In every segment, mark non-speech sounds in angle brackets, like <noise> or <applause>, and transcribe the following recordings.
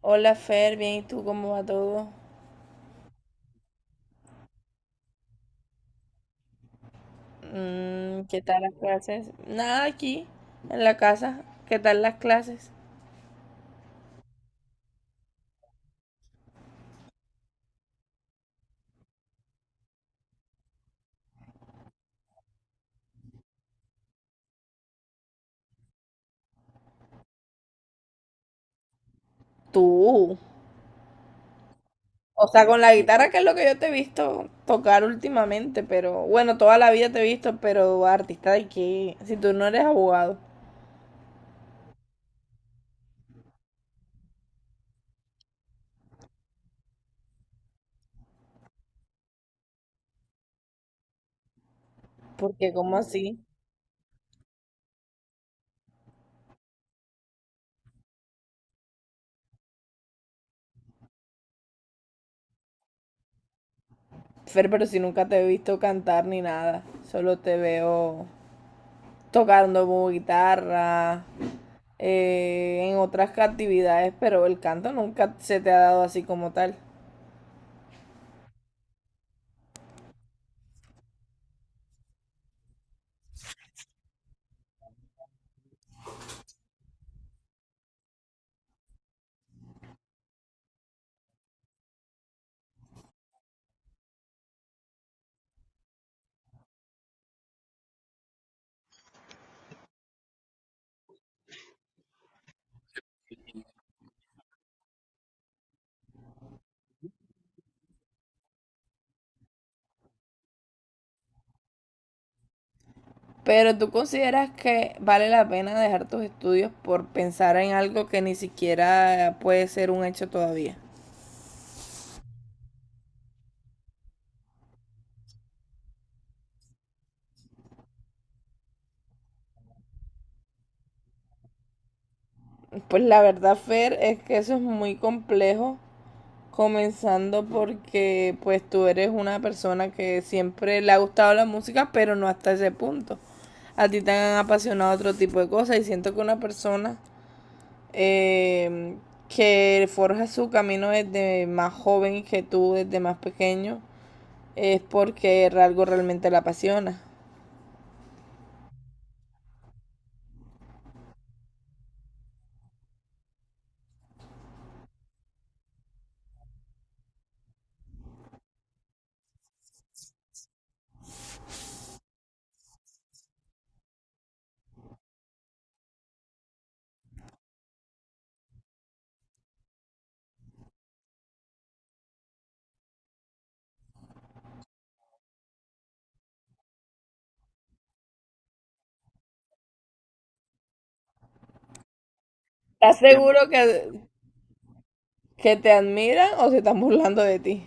Hola Fer, bien, ¿y tú cómo va todo? ¿Qué tal las clases? Nada aquí, en la casa. ¿Qué tal las clases? Tú. O sea, con la guitarra, que es lo que yo te he visto tocar últimamente, pero bueno, toda la vida te he visto, pero artista de qué, si tú no eres abogado, porque ¿cómo así? Fer, pero si nunca te he visto cantar ni nada, solo te veo tocando como guitarra, en otras actividades, pero el canto nunca se te ha dado así como tal. Pero tú consideras que vale la pena dejar tus estudios por pensar en algo que ni siquiera puede ser un hecho todavía. Pues la verdad, Fer, es que eso es muy complejo, comenzando porque pues tú eres una persona que siempre le ha gustado la música, pero no hasta ese punto. A ti te han apasionado otro tipo de cosas y siento que una persona eh, que forja su camino desde más joven que tú, desde más pequeño, es porque algo realmente la apasiona. ¿Estás seguro que te admiran o se están burlando de ti?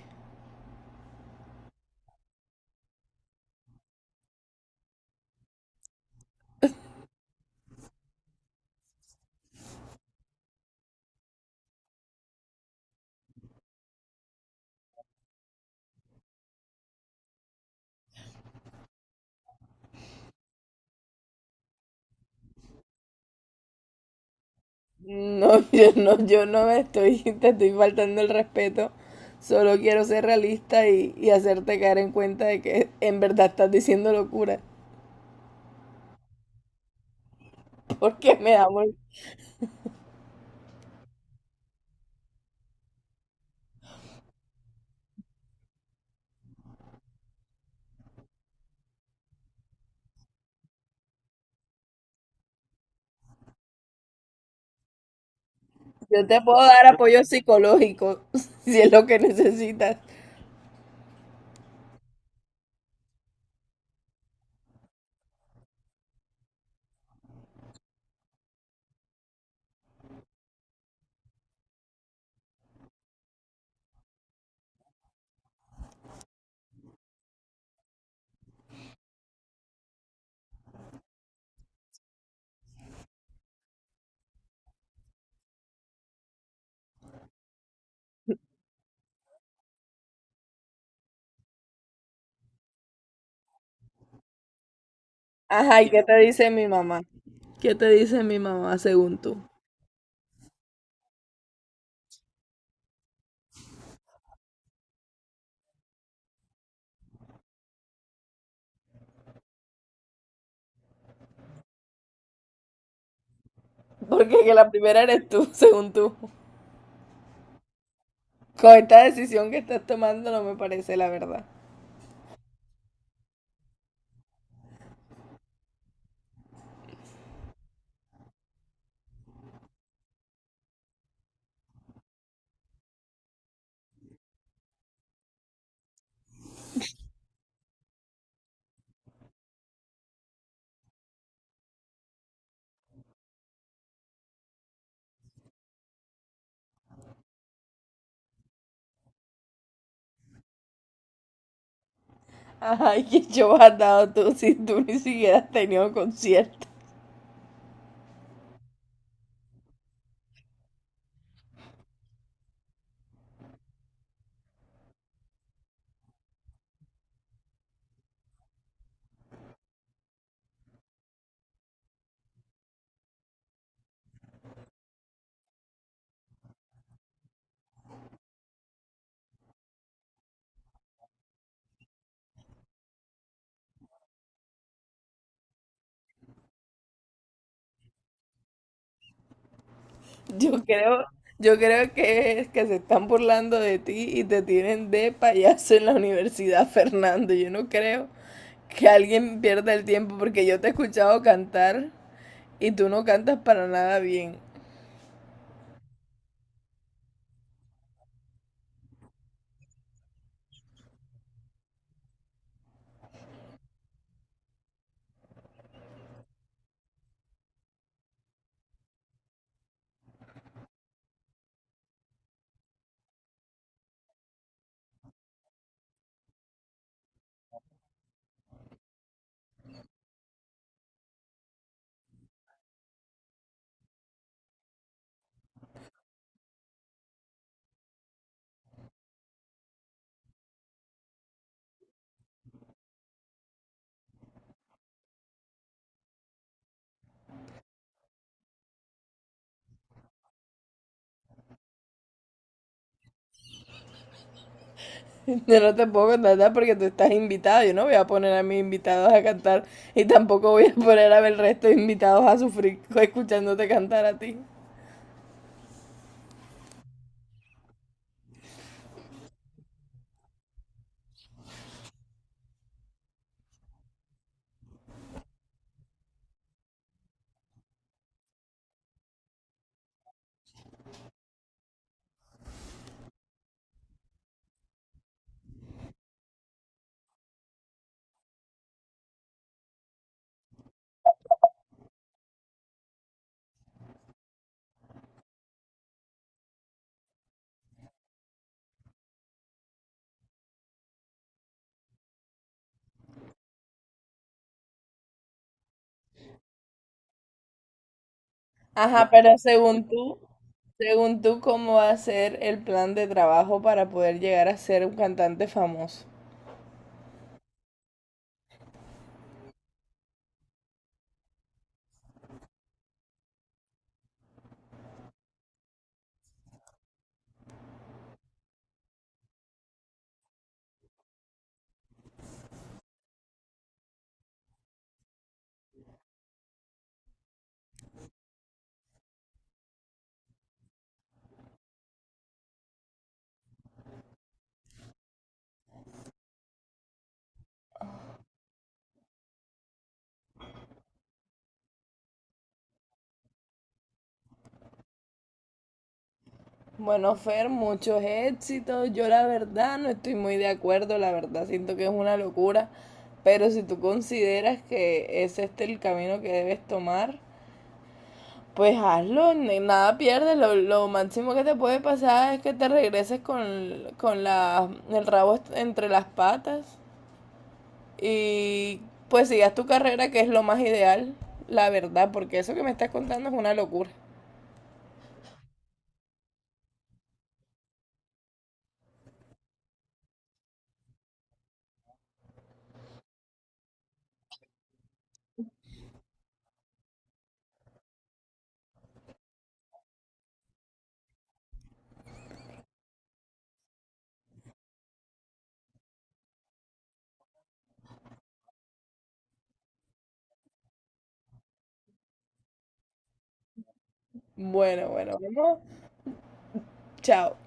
No, <laughs> yo no, yo no me estoy, <laughs> te estoy faltando el respeto. Solo quiero ser realista y, hacerte caer en cuenta de que en verdad estás diciendo locura. Porque me da muy- Yo te puedo dar apoyo psicológico <laughs> si es lo que necesitas. Ajá, ¿y qué te dice mi mamá? ¿Qué te dice mi mamá según tú? Porque que la primera eres tú, <laughs> según tú. Con esta decisión que estás tomando no me parece la verdad. Ajá, ¿y qué show has dado tú si tú ni siquiera has tenido concierto? Yo creo, yo creo que es que se están burlando de ti y te tienen de payaso en la universidad, <laughs> Fernando. Yo no creo que alguien pierda el tiempo porque yo te he escuchado cantar y tú no cantas para nada bien. <laughs> Yo no te puedo contratar porque tú estás invitado. Yo no voy a poner a mis invitados a cantar y tampoco voy a poner a ver resto de invitados a sufrir escuchándote cantar a ti. Ajá, pero según tú, ¿cómo va a ser el plan de trabajo para poder llegar a ser un cantante famoso? Bueno, Fer, muchos éxitos. Yo la verdad no estoy muy de acuerdo, la verdad siento que es una locura, pero si tú consideras que ese es este el camino que debes tomar, pues hazlo, nada pierdes. Lo máximo que te puede pasar es que te regreses con, el rabo entre las patas y pues sigas tu carrera, que es lo más ideal, la verdad, porque eso que me estás contando es una locura. Bueno, bueno, vamos. Chao.